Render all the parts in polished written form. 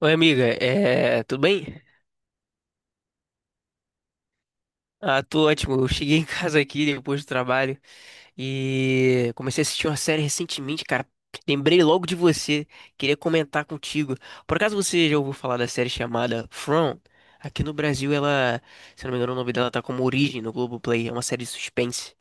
Oi, amiga, tudo bem? Ah, tô ótimo. Eu cheguei em casa aqui depois do trabalho e comecei a assistir uma série recentemente, cara. Lembrei logo de você, queria comentar contigo. Por acaso você já ouviu falar da série chamada From? Aqui no Brasil, ela, se eu não me engano, o nome dela tá como Origem no Globoplay, é uma série de suspense.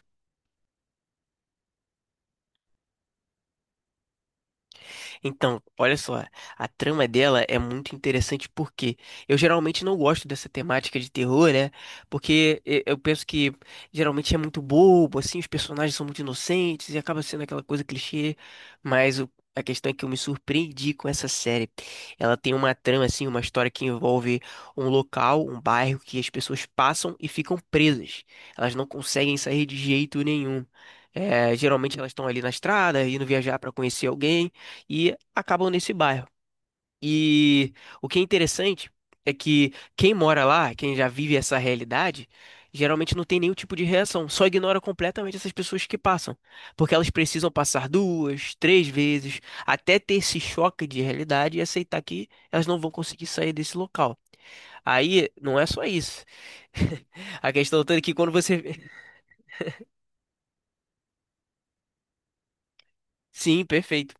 Então, olha só, a trama dela é muito interessante porque eu geralmente não gosto dessa temática de terror, né? Eu penso que geralmente é muito bobo, assim, os personagens são muito inocentes e acaba sendo aquela coisa clichê, mas o- a questão é que eu me surpreendi com essa série. Ela tem uma trama, assim, uma história que envolve um local, um bairro que as pessoas passam e ficam presas. Elas não conseguem sair de jeito nenhum. É, geralmente elas estão ali na estrada, indo viajar para conhecer alguém e acabam nesse bairro. E o que é interessante é que quem mora lá, quem já vive essa realidade, geralmente não tem nenhum tipo de reação, só ignora completamente essas pessoas que passam, porque elas precisam passar duas, três vezes até ter esse choque de realidade e aceitar que elas não vão conseguir sair desse local. Aí não é só isso. A questão toda é que quando você. Sim, perfeito.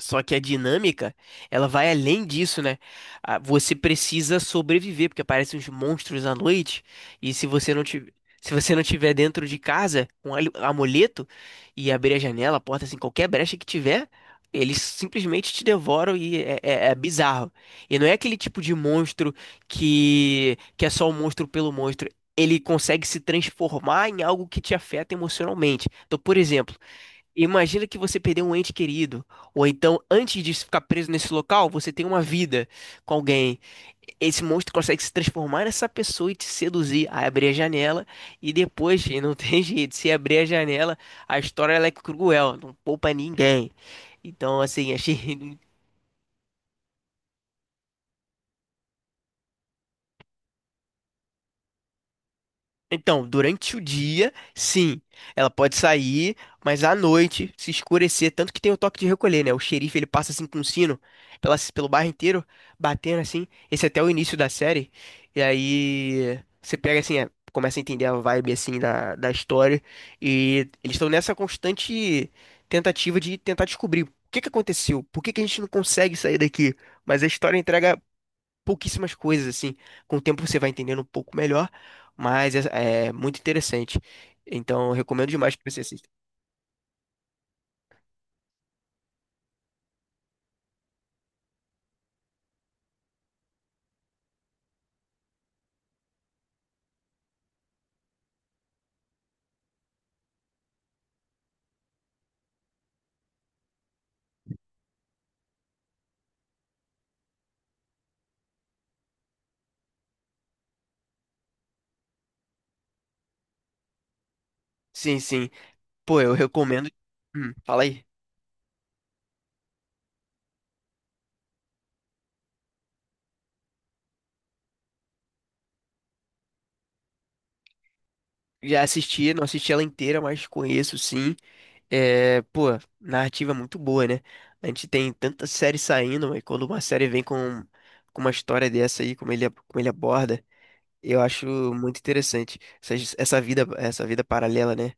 Só que a dinâmica, ela vai além disso, né? Ah, você precisa sobreviver, porque aparecem uns monstros à noite, e se você não tiver, se você não tiver dentro de casa com amuleto e abrir a janela, a porta, assim, qualquer brecha que tiver, eles simplesmente te devoram e é bizarro. E não é aquele tipo de monstro que é só o monstro pelo monstro. Ele consegue se transformar em algo que te afeta emocionalmente. Então, por exemplo, imagina que você perdeu um ente querido, ou então, antes de ficar preso nesse local, você tem uma vida com alguém. Esse monstro consegue se transformar nessa pessoa e te seduzir, aí abrir a janela, e depois, e não tem jeito, se abrir a janela, a história ela é cruel, não poupa ninguém. Então, assim, achei Então, durante o dia, sim, ela pode sair, mas à noite, se escurecer, tanto que tem o toque de recolher, né? O xerife, ele passa assim com um sino pelo bairro inteiro, batendo assim. Esse é até o início da série. E aí você pega assim, é, começa a entender a vibe assim da história. E eles estão nessa constante tentativa de tentar descobrir o que que aconteceu, por que que a gente não consegue sair daqui. Mas a história entrega pouquíssimas coisas, assim. Com o tempo você vai entendendo um pouco melhor, mas é muito interessante. Então, eu recomendo demais que você assista. Sim, sim. Pô, eu recomendo. Fala aí. Já assisti, não assisti ela inteira, mas conheço sim. É, pô, narrativa é muito boa, né? A gente tem tanta série saindo, e quando uma série vem com uma história dessa aí, como ele aborda, eu acho muito interessante essa, essa vida paralela, né?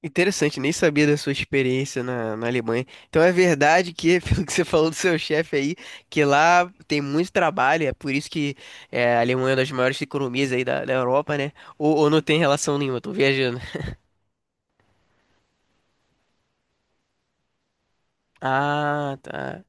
Interessante, nem sabia da sua experiência na Alemanha. Então é verdade que, pelo que você falou do seu chefe aí, que lá tem muito trabalho, é por isso que é, a Alemanha é uma das maiores economias aí da Europa, né? Ou não tem relação nenhuma, eu tô viajando. Ah, tá.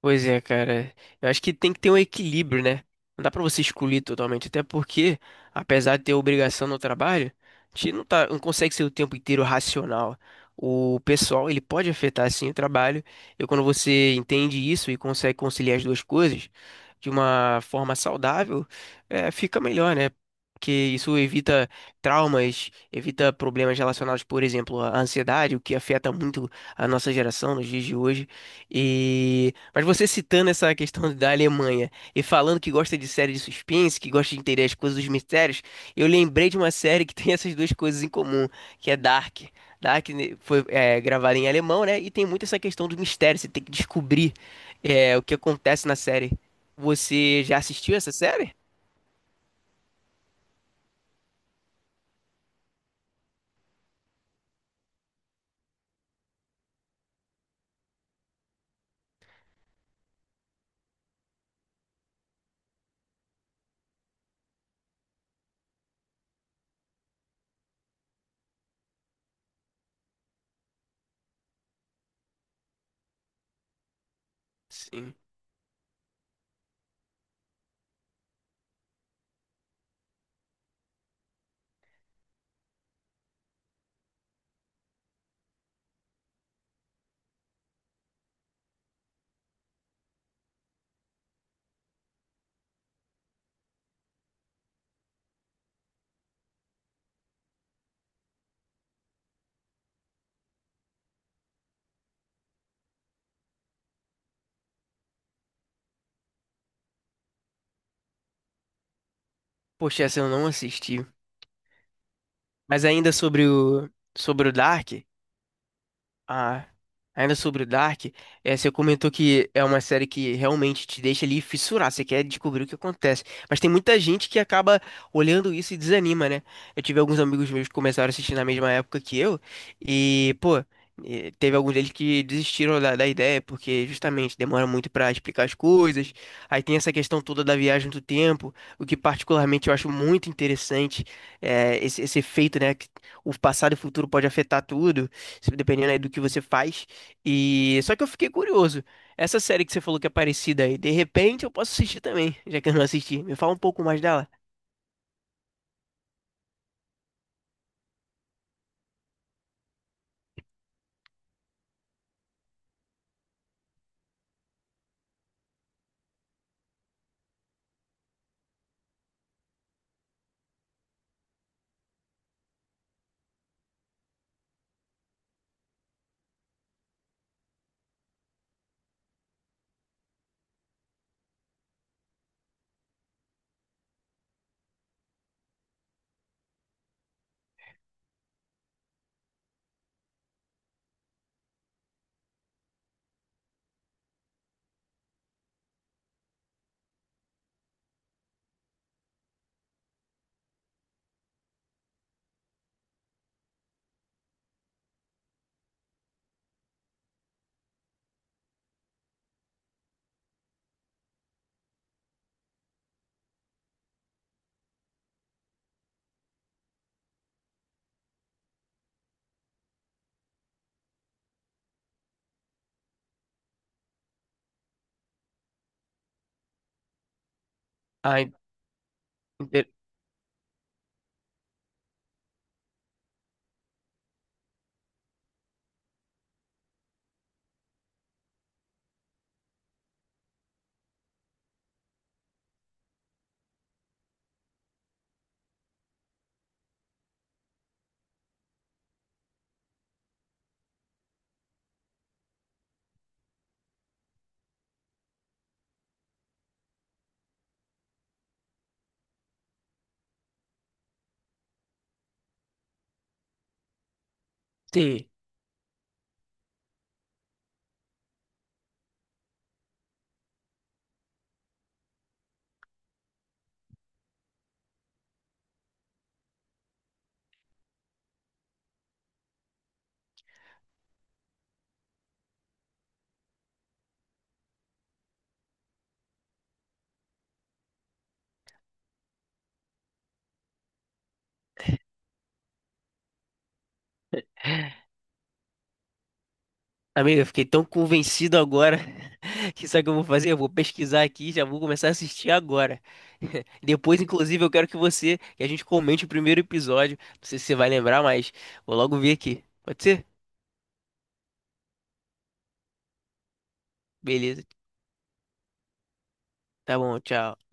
Pois é, cara. Eu acho que tem que ter um equilíbrio, né? Não dá pra você excluir totalmente, até porque, apesar de ter obrigação no trabalho, a gente não tá, não consegue ser o tempo inteiro racional. O pessoal, ele pode afetar sim o trabalho. E quando você entende isso e consegue conciliar as duas coisas de uma forma saudável, é, fica melhor, né? Porque isso evita traumas, evita problemas relacionados, por exemplo, à ansiedade, o que afeta muito a nossa geração nos dias de hoje. E... mas você citando essa questão da Alemanha e falando que gosta de série de suspense, que gosta de entender as coisas dos mistérios, eu lembrei de uma série que tem essas duas coisas em comum, que é Dark. Dark né, foi é, gravada em alemão, né? E tem muito essa questão do mistério, você tem que descobrir é, o que acontece na série. Você já assistiu essa série? Sim. Poxa, essa eu não assisti. Mas ainda sobre o Dark. Ah, ainda sobre o Dark, é, você comentou que é uma série que realmente te deixa ali fissurar, você quer descobrir o que acontece. Mas tem muita gente que acaba olhando isso e desanima, né? Eu tive alguns amigos meus que começaram a assistir na mesma época que eu, e, pô, teve alguns deles que desistiram da ideia, porque justamente demora muito pra explicar as coisas. Aí tem essa questão toda da viagem do tempo, o que particularmente eu acho muito interessante, é, esse efeito, né? Que o passado e o futuro pode afetar tudo dependendo aí do que você faz. E só que eu fiquei curioso. Essa série que você falou que é parecida aí, de repente eu posso assistir também, já que eu não assisti. Me fala um pouco mais dela. Ah, inte- sim. Amigo, eu fiquei tão convencido agora que sabe o que eu vou fazer? Eu vou pesquisar aqui, e já vou começar a assistir agora. Depois, inclusive, eu quero que você, que a gente comente o primeiro episódio. Não sei se você vai lembrar, mas vou logo ver aqui. Pode ser? Beleza. Tá bom, tchau.